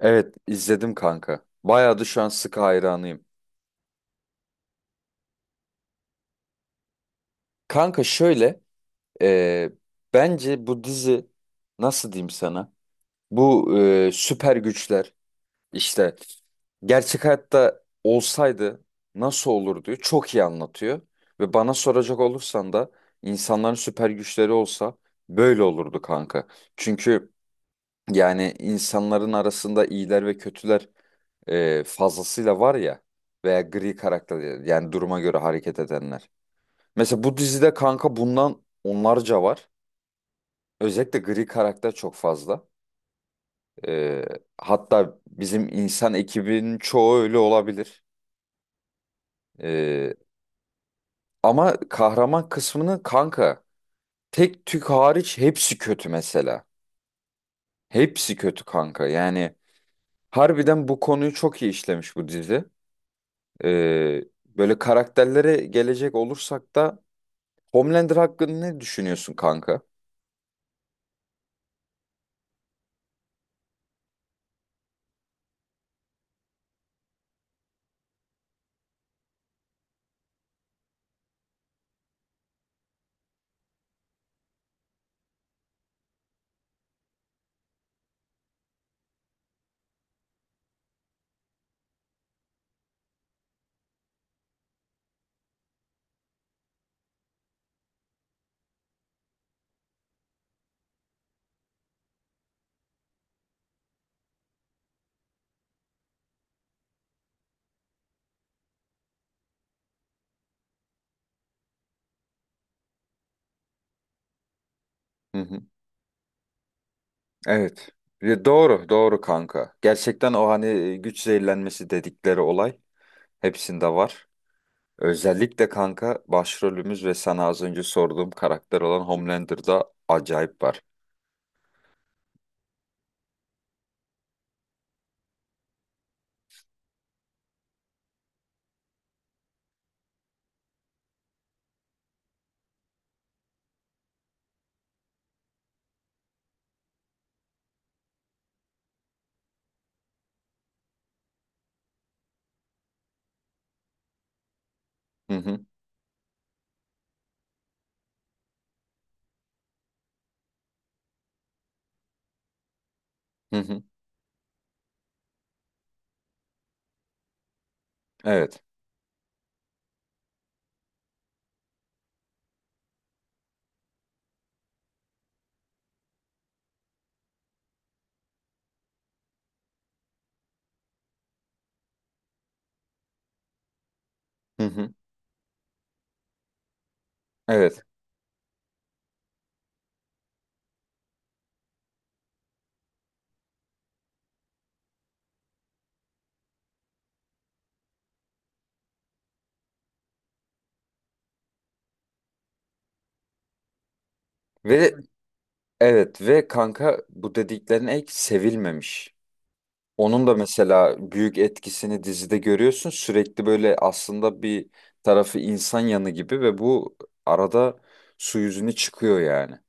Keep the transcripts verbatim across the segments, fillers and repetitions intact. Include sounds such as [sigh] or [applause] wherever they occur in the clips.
Evet, izledim kanka. Bayağı da şu an sıkı hayranıyım. Kanka şöyle e, bence bu dizi, nasıl diyeyim sana? Bu e, süper güçler işte gerçek hayatta olsaydı nasıl olurdu çok iyi anlatıyor. Ve bana soracak olursan da insanların süper güçleri olsa böyle olurdu kanka. Çünkü yani insanların arasında iyiler ve kötüler e, fazlasıyla var ya, veya gri karakter, yani duruma göre hareket edenler. Mesela bu dizide kanka bundan onlarca var. Özellikle gri karakter çok fazla. E, Hatta bizim insan ekibinin çoğu öyle olabilir. E, Ama kahraman kısmını kanka tek tük hariç hepsi kötü mesela. Hepsi kötü kanka, yani harbiden bu konuyu çok iyi işlemiş bu dizi. E, Böyle karakterlere gelecek olursak da Homelander hakkında ne düşünüyorsun kanka? Hı hı. Evet. Ya doğru, doğru kanka. Gerçekten o hani e, güç zehirlenmesi dedikleri olay hepsinde var. Özellikle kanka başrolümüz ve sana az önce sorduğum karakter olan Homelander'da acayip var. Hı hı. Hı hı. Evet. Hı hı. Evet. Ve evet, ve kanka bu dediklerin ek sevilmemiş. Onun da mesela büyük etkisini dizide görüyorsun. Sürekli böyle aslında bir tarafı insan yanı gibi ve bu arada su yüzüne çıkıyor yani.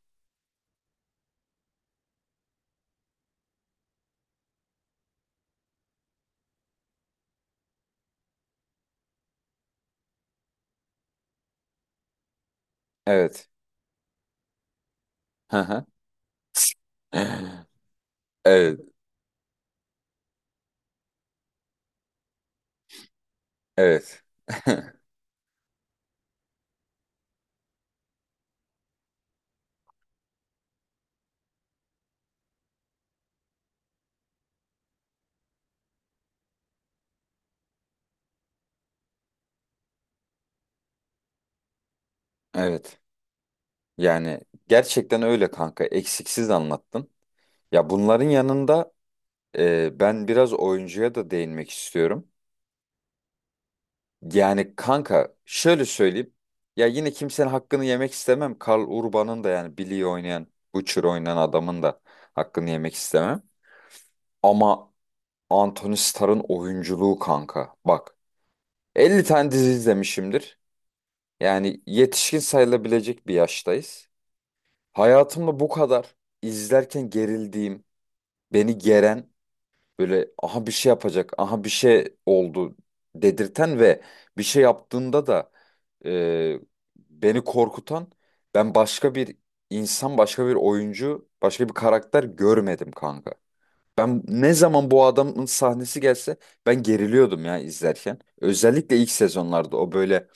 Evet. Hı hı. [laughs] Evet, evet. [laughs] Evet. Yani gerçekten öyle kanka. Eksiksiz anlattın. Ya bunların yanında e, ben biraz oyuncuya da değinmek istiyorum. Yani kanka şöyle söyleyeyim. Ya yine kimsenin hakkını yemek istemem. Karl Urban'ın da, yani Billy'yi oynayan, Butcher oynayan adamın da hakkını yemek istemem. Ama Anthony Starr'ın oyunculuğu kanka. Bak, elli tane dizi izlemişimdir. Yani yetişkin sayılabilecek bir yaştayız. Hayatımda bu kadar izlerken gerildiğim, beni geren, böyle aha bir şey yapacak, aha bir şey oldu dedirten ve bir şey yaptığında da e, beni korkutan, ben başka bir insan, başka bir oyuncu, başka bir karakter görmedim kanka. Ben ne zaman bu adamın sahnesi gelse ben geriliyordum ya izlerken. Özellikle ilk sezonlarda o böyle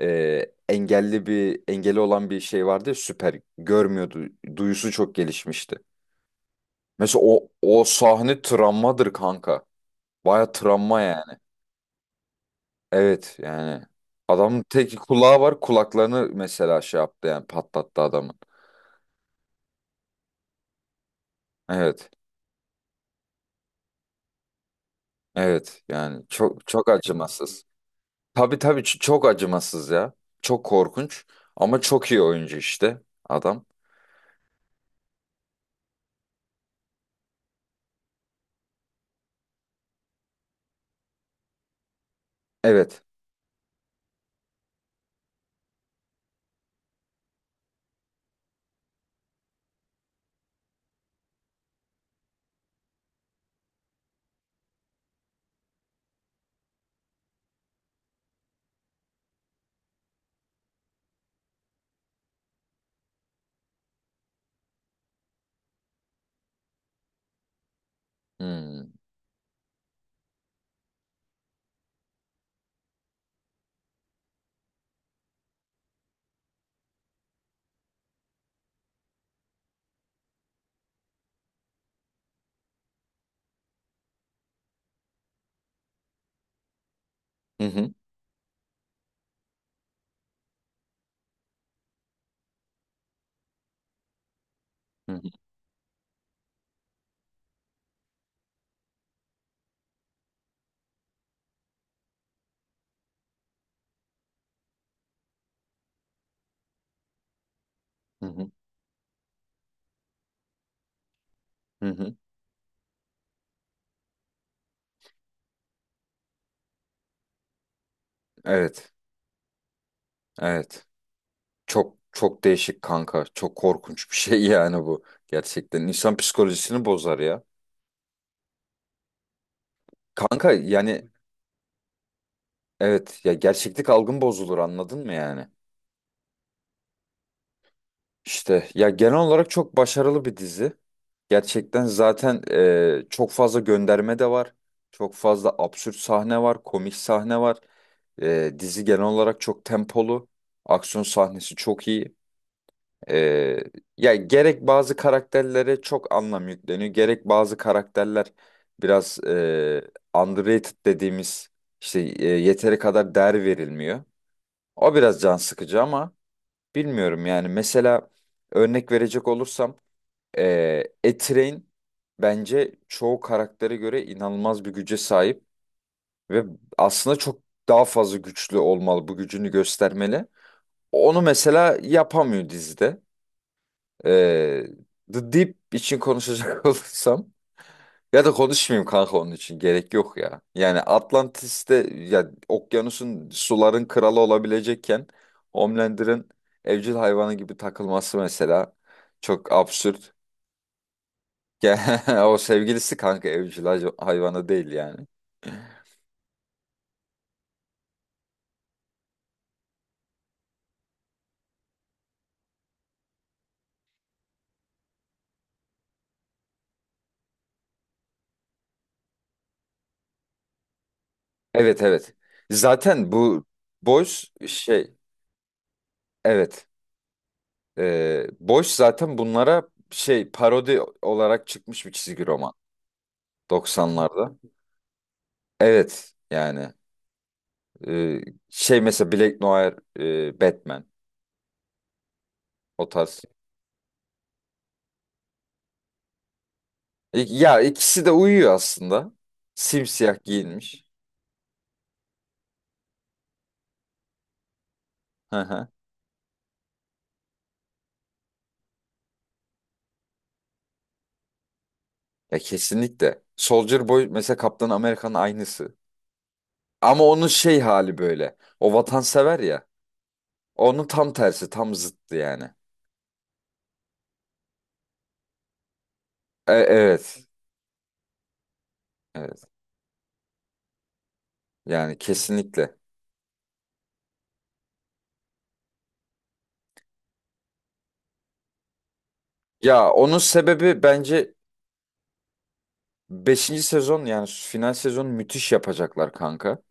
e, engelli, bir engeli olan bir şey vardı ya, süper görmüyordu. Duyusu çok gelişmişti. Mesela o o sahne travmadır kanka. Baya travma yani. Evet yani. Adamın tek kulağı var. Kulaklarını mesela şey yaptı, yani patlattı adamın. Evet. Evet yani, çok çok acımasız. Tabii tabii, ç- çok acımasız ya. Çok korkunç ama çok iyi oyuncu işte adam. Evet. Hmm. Hı hı. Hı hı. Hı hı. Hı hı. Evet. Evet. Çok çok değişik kanka. Çok korkunç bir şey [laughs] yani bu. Gerçekten insan psikolojisini bozar ya. Kanka yani evet ya, gerçeklik algın bozulur, anladın mı yani? İşte ya, genel olarak çok başarılı bir dizi. Gerçekten zaten e, çok fazla gönderme de var. Çok fazla absürt sahne var, komik sahne var. E, dizi genel olarak çok tempolu. Aksiyon sahnesi çok iyi. E, Ya gerek bazı karakterlere çok anlam yükleniyor, gerek bazı karakterler biraz e, underrated dediğimiz işte e, yeteri kadar değer verilmiyor. O biraz can sıkıcı ama bilmiyorum yani, mesela örnek verecek olursam eee E-Train bence çoğu karaktere göre inanılmaz bir güce sahip ve aslında çok daha fazla güçlü olmalı, bu gücünü göstermeli. Onu mesela yapamıyor dizide. Eee, The Deep için konuşacak [laughs] olursam, ya da konuşmayayım kanka, onun için gerek yok ya. Yani Atlantis'te ya, okyanusun, suların kralı olabilecekken Homelander'ın evcil hayvanı gibi takılması mesela çok absürt. [laughs] Ya, o sevgilisi kanka, evcil hay- hayvanı değil yani. Evet, evet. Zaten bu Boys şey, evet. Ee, Boys zaten bunlara şey, parodi olarak çıkmış bir çizgi roman doksanlarda. Evet yani. Ee, Şey mesela Black Noir, e, Batman, o tarz. E, ya ikisi de uyuyor aslında. Simsiyah giyinmiş. Hı hı. Ya kesinlikle. Soldier Boy mesela Kaptan Amerika'nın aynısı. Ama onun şey hali böyle. O vatansever ya. Onun tam tersi, tam zıttı yani. E, evet. Evet. Yani kesinlikle. Ya onun sebebi bence beşinci sezon, yani final sezonu müthiş yapacaklar kanka.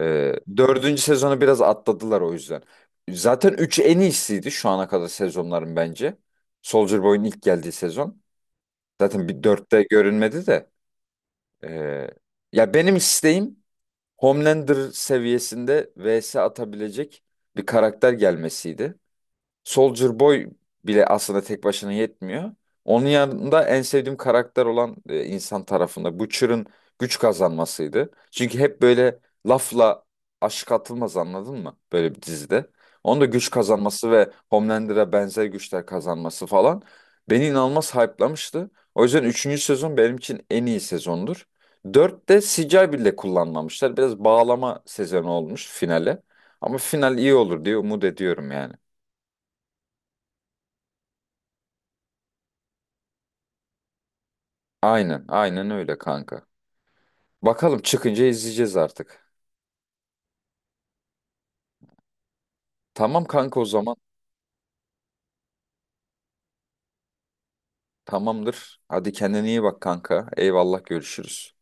Ee, dördüncü sezonu biraz atladılar o yüzden. Zaten üç en iyisiydi şu ana kadar sezonların bence. Soldier Boy'un ilk geldiği sezon. Zaten bir dörtte görünmedi de. Ee, Ya benim isteğim Homelander seviyesinde vs atabilecek bir karakter gelmesiydi. Soldier Boy bile aslında tek başına yetmiyor. Onun yanında en sevdiğim karakter olan e, insan tarafında Butcher'ın güç kazanmasıydı. Çünkü hep böyle lafla aşık atılmaz, anladın mı? Böyle bir dizide. Onun da güç kazanması ve Homelander'a benzer güçler kazanması falan beni inanılmaz hype'lamıştı. O yüzden üçüncü sezon benim için en iyi sezondur. dörtte C G I bile kullanmamışlar. Biraz bağlama sezonu olmuş finale. Ama final iyi olur diye umut ediyorum yani. Aynen, aynen öyle kanka. Bakalım çıkınca izleyeceğiz artık. Tamam kanka o zaman. Tamamdır. Hadi kendine iyi bak kanka. Eyvallah, görüşürüz.